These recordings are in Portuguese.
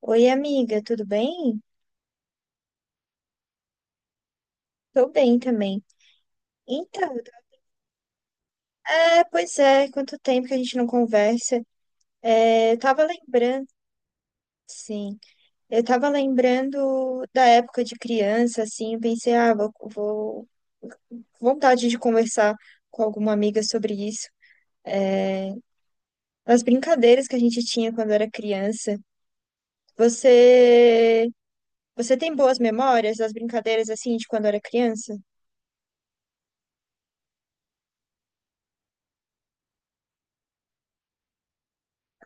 Oi, amiga, tudo bem? Tô bem também. Então, pois é, quanto tempo que a gente não conversa. É, eu tava lembrando, sim, eu tava lembrando da época de criança, assim, eu pensei, ah, vontade de conversar com alguma amiga sobre isso. É, as brincadeiras que a gente tinha quando era criança. Você, você tem boas memórias das brincadeiras, assim, de quando era criança?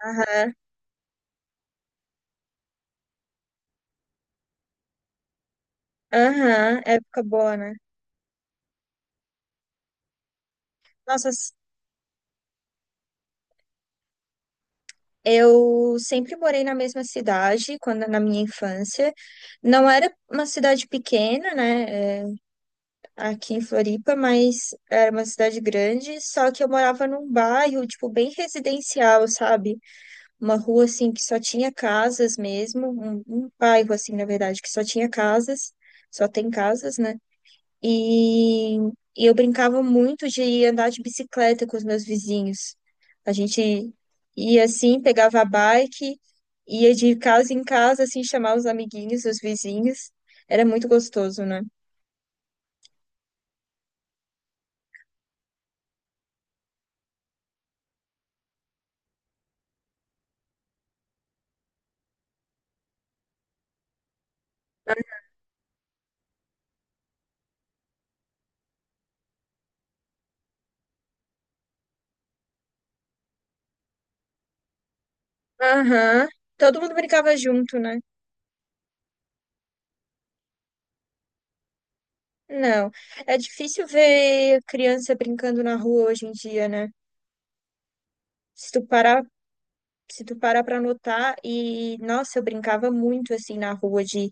Aham, aham, época boa, né? Nossa, eu sempre morei na mesma cidade quando na minha infância. Não era uma cidade pequena, né? É, aqui em Floripa, mas era uma cidade grande. Só que eu morava num bairro, tipo, bem residencial, sabe? Uma rua assim que só tinha casas mesmo, um bairro assim, na verdade, que só tinha casas, só tem casas, né? E, e eu brincava muito de andar de bicicleta com os meus vizinhos. A gente ia assim, pegava a bike, ia de casa em casa, assim, chamar os amiguinhos, os vizinhos. Era muito gostoso, né? Aham. Todo mundo brincava junto, né? Não. É difícil ver criança brincando na rua hoje em dia, né? Se tu parar, se tu parar pra notar, e nossa, eu brincava muito assim na rua de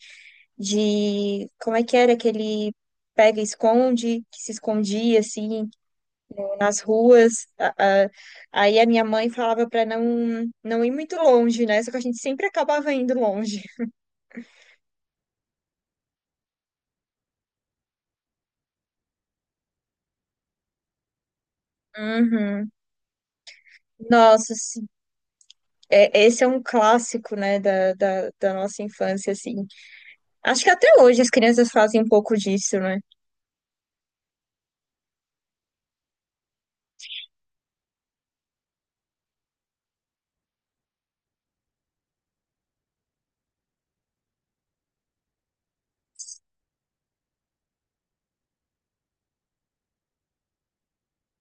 de como é que era aquele pega e esconde, que se escondia assim nas ruas. A- Aí a minha mãe falava para não ir muito longe, né? Só que a gente sempre acabava indo longe. Uhum. Nossa, sim. É, esse é um clássico, né, da nossa infância, assim. Acho que até hoje as crianças fazem um pouco disso, né?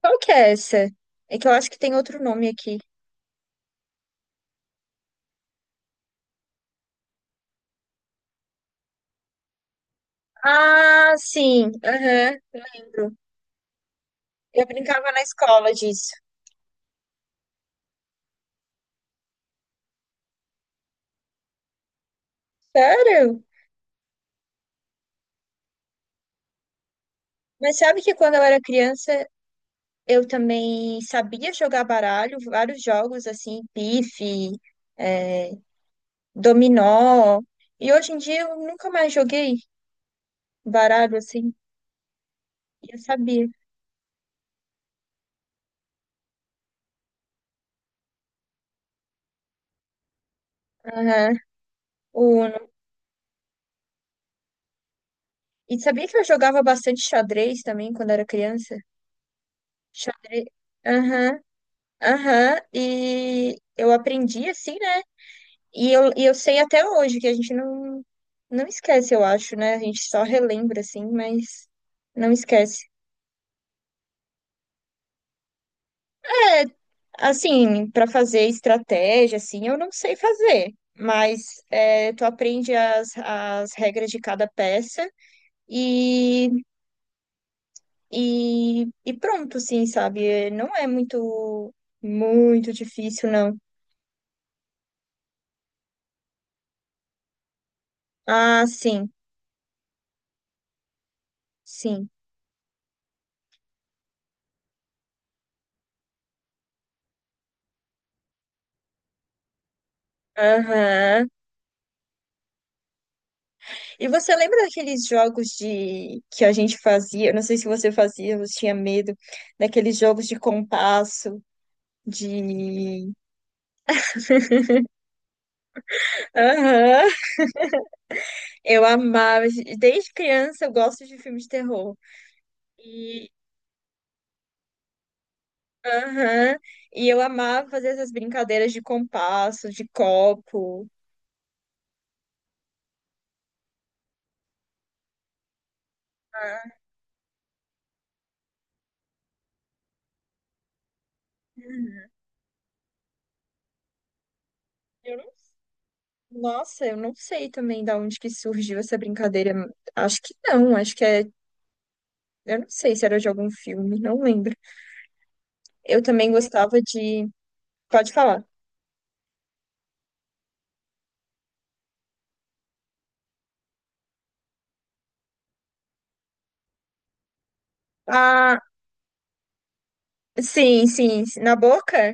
Qual que é essa? É que eu acho que tem outro nome aqui. Ah, sim. Aham. Eu brincava na escola disso. Sério? Mas sabe que quando eu era criança, eu também sabia jogar baralho, vários jogos assim, pife, é, dominó. E hoje em dia eu nunca mais joguei baralho assim. E eu sabia. Aham. Uno. E sabia que eu jogava bastante xadrez também quando era criança? Xadrez. Aham, aham. E eu aprendi assim, né? E eu sei até hoje que a gente não, não esquece, eu acho, né? A gente só relembra assim, mas não esquece. É, assim, para fazer estratégia, assim, eu não sei fazer, mas é, tu aprende as regras de cada peça e, e pronto, assim, sabe? Não é muito difícil, não. Ah, sim. Aham. E você lembra daqueles jogos de que a gente fazia? Eu não sei se você fazia, você tinha medo daqueles jogos de compasso, de Aham. Eu amava, desde criança eu gosto de filmes de terror. E, aham, e eu amava fazer essas brincadeiras de compasso, de copo. Ah, Eu não- nossa, eu não sei também da onde que surgiu essa brincadeira. Acho que é. Eu não sei se era de algum filme, não lembro. Eu também gostava de. Pode falar. Ah, sim. Na boca?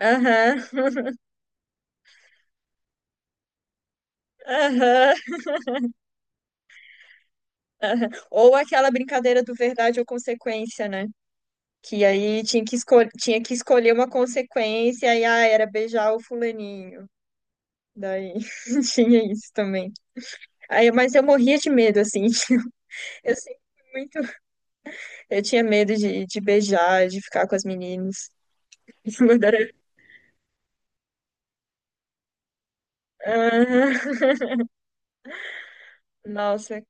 Aham, aham, aham. Ou aquela brincadeira do verdade ou consequência, né? Que aí tinha que, escol tinha que escolher uma consequência, e ah, era beijar o fulaninho. Daí tinha isso também. Aí, mas eu morria de medo, assim. Eu sempre fui muito. Eu tinha medo de beijar, de ficar com as meninas. Mas era- Ah, nossa,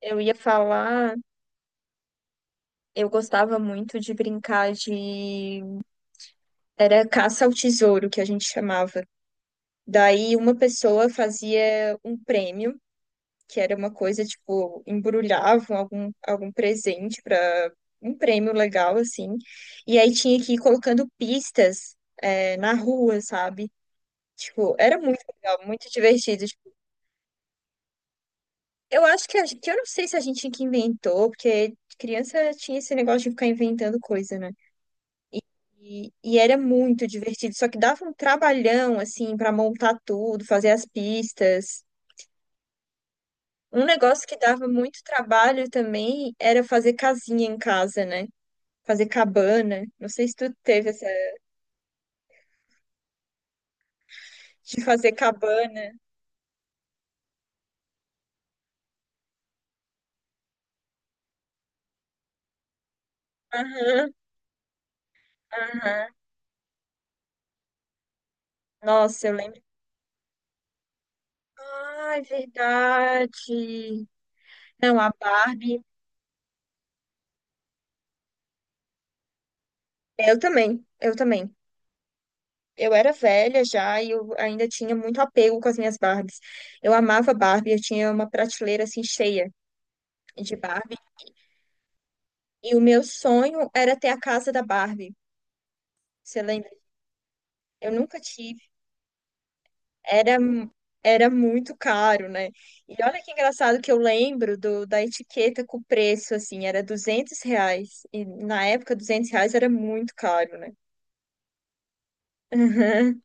eu ia falar. Eu gostava muito de brincar de. Era caça ao tesouro, que a gente chamava. Daí uma pessoa fazia um prêmio, que era uma coisa, tipo, embrulhavam algum presente para um prêmio legal, assim. E aí tinha que ir colocando pistas, é, na rua, sabe? Tipo, era muito legal, muito divertido. Tipo, eu acho que eu não sei se a gente que inventou, porque criança tinha esse negócio de ficar inventando coisa, né? E era muito divertido, só que dava um trabalhão, assim, para montar tudo, fazer as pistas. Um negócio que dava muito trabalho também era fazer casinha em casa, né? Fazer cabana. Não sei se tu teve essa de fazer cabana. Aham. Aham. Nossa, eu lembro. Ah, é verdade. Não, a Barbie. Eu também. Eu era velha já e eu ainda tinha muito apego com as minhas Barbies. Eu amava Barbie, eu tinha uma prateleira assim cheia de Barbie. E o meu sonho era ter a casa da Barbie. Você lembra? Eu nunca tive. Era, era muito caro, né? E olha que engraçado que eu lembro da etiqueta com o preço, assim, era 200 reais. E na época, 200 reais era muito caro, né? Uhum.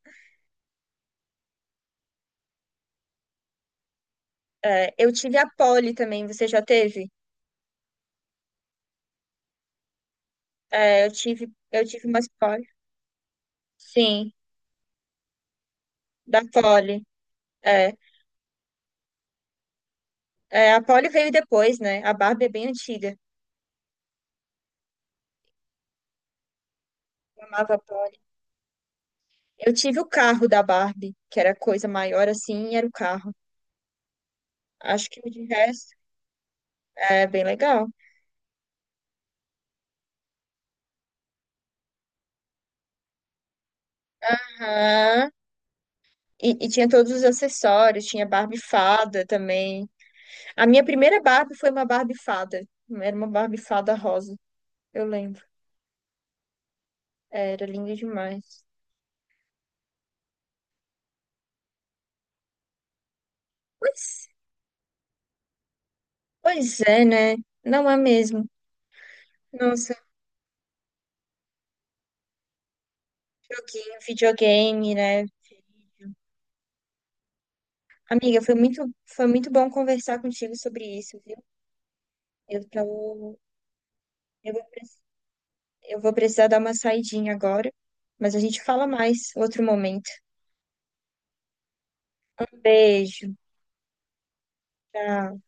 É, eu tive a Poli também, você já teve? É, eu tive umas Poli. Sim, da Poli. É, é, a Poli veio depois, né? A Barbie é bem antiga. Eu amava a Polly. Eu tive o carro da Barbie, que era coisa maior assim, e era o carro. Acho que o de resto é bem legal. Aham. E tinha todos os acessórios, tinha Barbie fada também. A minha primeira Barbie foi uma Barbie fada. Era uma Barbie fada rosa, eu lembro. Era linda demais. Pois, pois é, né? Não é mesmo. Nossa, joguinho, videogame, né? Amiga, foi muito bom conversar contigo sobre isso, viu? Eu tô, eu vou, preci- eu vou precisar dar uma saidinha agora, mas a gente fala mais outro momento. Um beijo, tchau.